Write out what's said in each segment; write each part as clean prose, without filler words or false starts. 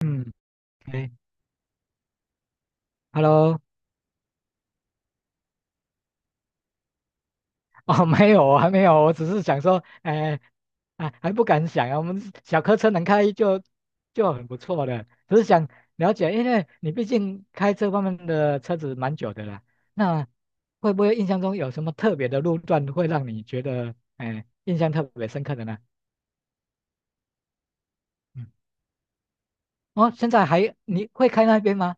嗯，哎，Hello，哦，没有啊，还没有，我只是想说，哎，啊，还不敢想啊，我们小客车能开就很不错的，只是想了解，因为你毕竟开这方面的车子蛮久的了，那会不会印象中有什么特别的路段会让你觉得，哎，印象特别深刻的呢？嗯，哦，现在你会开那边吗？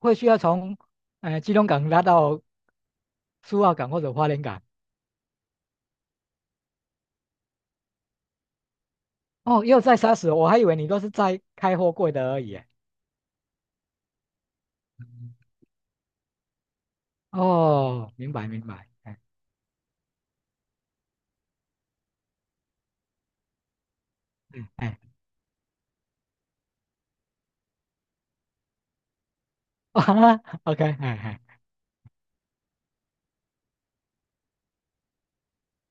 会需要从，基隆港拉到苏澳港或者花莲港？哦，又在杀死我，我还以为你都是在开货柜的而已耶。哦，明白明白，哎嗯哎，啊，OK，哎哎，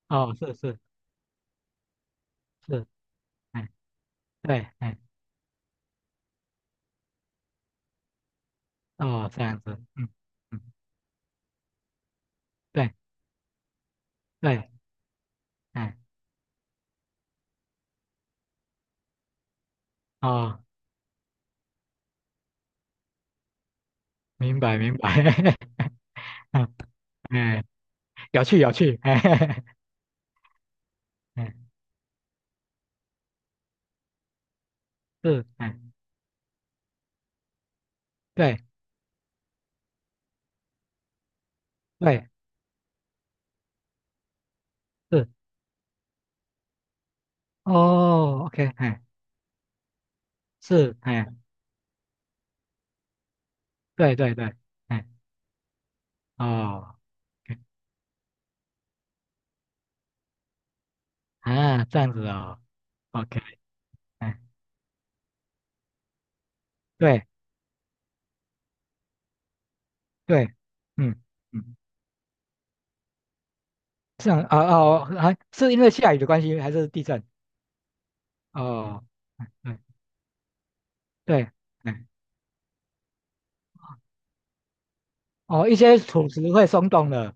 哦，是是是，哎对，哎哦这样子，嗯嗯，对对，哎哦，明白明白，嗯哎，有趣有趣，哎哎哎是哎对对是，哦，OK，哎是哎对对对，哎哦，OK，啊这样子哦，OK。哎对对，嗯嗯，这样啊哦，哦还是因为下雨的关系，还是地震？哦，对对，哎，哦，一些土石会松动的，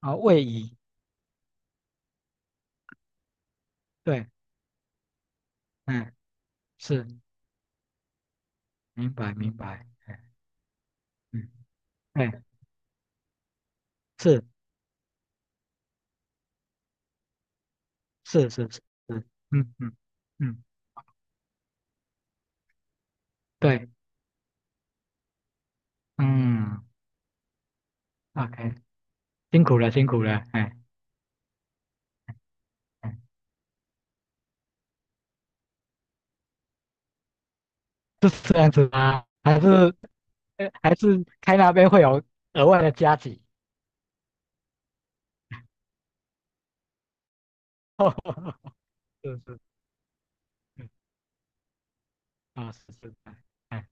啊、哦位移，对，嗯，是，明白明白，哎嗯，对，是是是是，是嗯嗯嗯，对，嗯，OK，辛苦了辛苦了，哎，哎是这样子吗？还是还是开那边会有额外的加急？是是。嗯啊，是是的，哎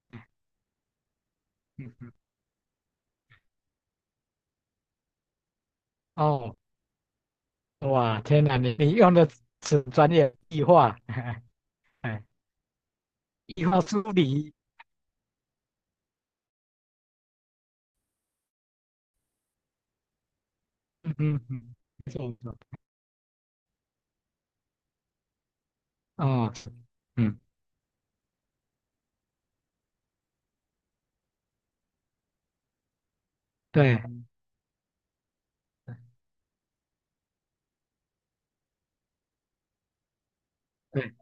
哎嗯嗯，哦，哇，天哪，你用的词专业，异化，哎哎，异化梳理，嗯嗯嗯，没错没错，哦，是嗯，对对，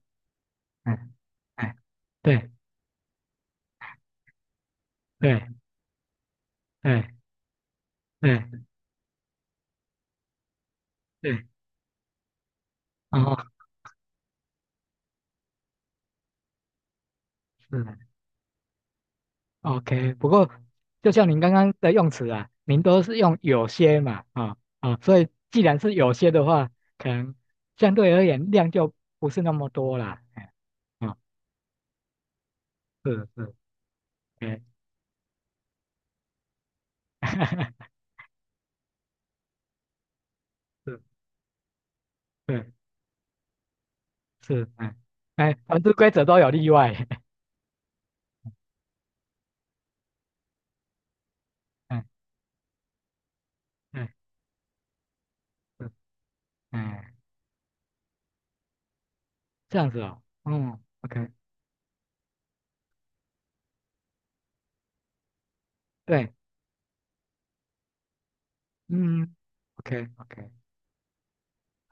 哎哎，对对对对对，哦，是 o k 不过就像您刚刚的用词啊，您都是用有些嘛，啊、啊、所以既然是有些的话，可能相对而言量就不是那么多啦。哎哦是是，对，是是是，哎哎，凡是规则都有例外，哎哎是哎，这样子哦，嗯，OK，对，嗯，OK OK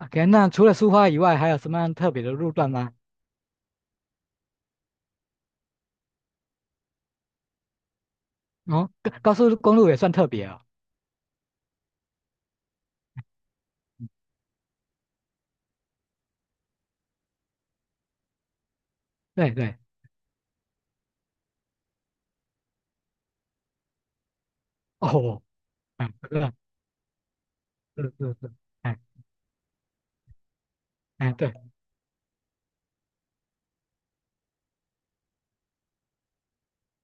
OK，那除了苏花以外，还有什么样特别的路段吗？哦，高速公路也算特别哦，嗯对对，哦，嗯，是啊是是是，哎哎，对，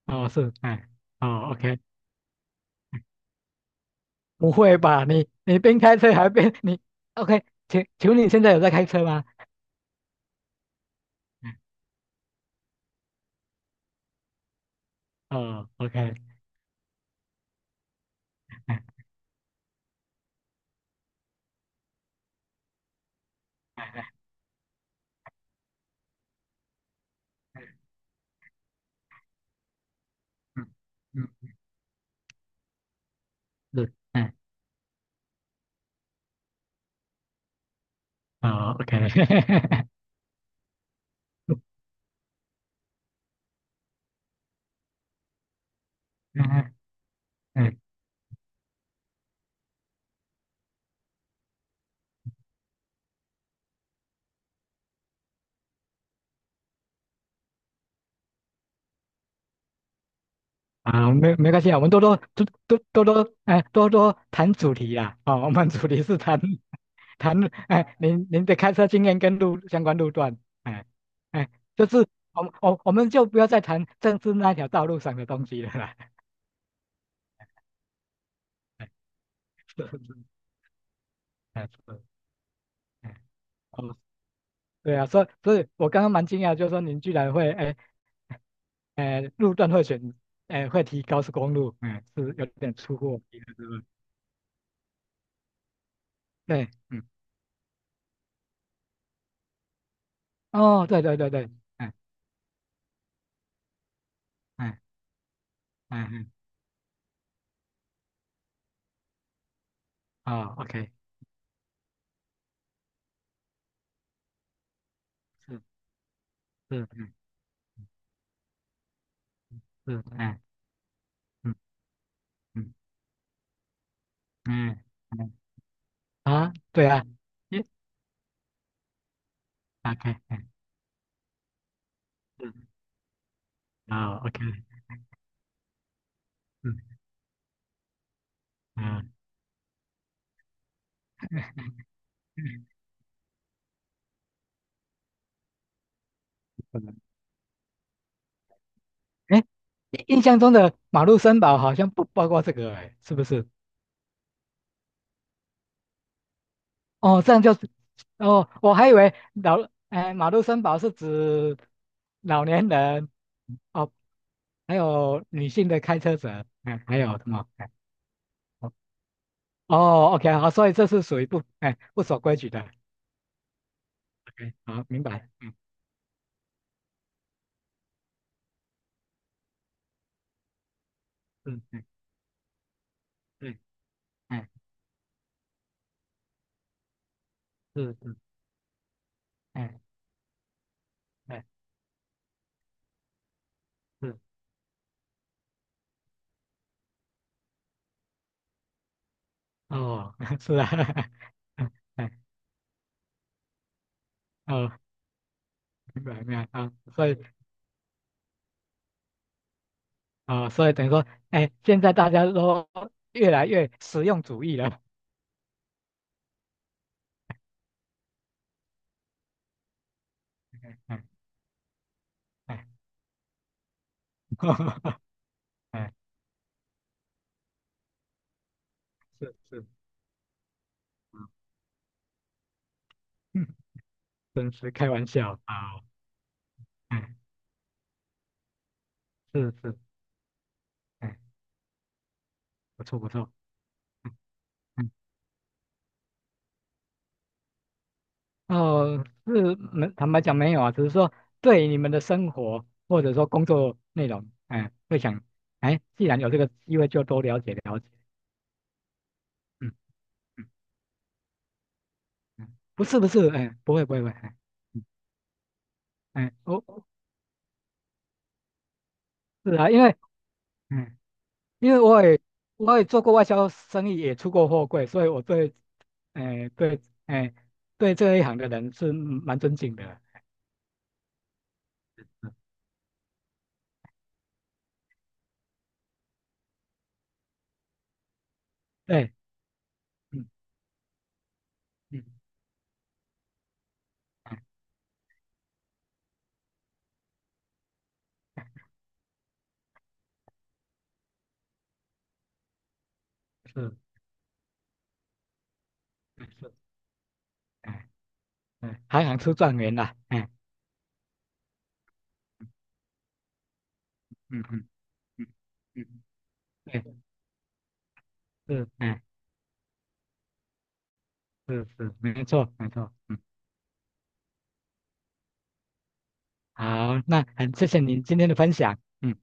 哦是，哎，哦，OK，不会吧？你边开车还边你，OK，请问你现在有在开车吗？嗯哦，OK，哎嗯嗯是哎哦 OK 嗯嗯 啊没没关系啊，我们多多多多多多哎多多谈主题啦哦，我们主题是谈谈哎您您的开车经验跟路相关路段哎哎就是我们就不要再谈政治那条道路上的东西了啦。哎是是是 哎是哎哦对啊，所以所以我刚刚蛮惊讶，就是说您居然会哎。路段会选，会提高速公路，嗯，是有点出乎我意料之外。对，嗯，哦，对对对对，嗯嗯嗯嗯，哦，OK，是是嗯是，嗯嗯嗯嗯嗯啊，对啊，耶，OK，嗯是，哦，OK，嗯嗯，嗯，可能 哎，印象中的马路森保好像不包括这个，哎，是不是？哦，这样就是，哦，我还以为老，哎，马路三宝是指老年人，哦，还有女性的开车者，哎，还有什么？哎，哦哦，OK，好，所以这是属于不，哎，不守规矩的，OK，好，明白，嗯嗯嗯，对，哎，是哎是，哎哎是，哦，是啊，哎哦，明白明白啊，所以啊、所以等于说，哎，现在大家都越来越实用主义了，哎哎。哈哈哈，哎，是是，嗯，真是开玩笑啊，哎，是是，哎，不错不错，嗯，嗯，哦，是没，坦白讲没有啊，只是说对你们的生活或者说工作内容，哎，会想，哎，既然有这个机会，就多了解了解，嗯嗯嗯，不是不是，哎，不会不会不会，哎，嗯哎，我是啊，因为，嗯，因为我也做过外销生意，也出过货柜，所以我对哎，对，哎，对这一行的人是蛮尊敬的，嗯对，嗯嗯，哎，是，哎是，哎，哎，还想出状元啦，哎，嗯嗯嗯嗯，对，是，哎，是是，没错没错，嗯，好，那很谢谢您今天的分享，嗯。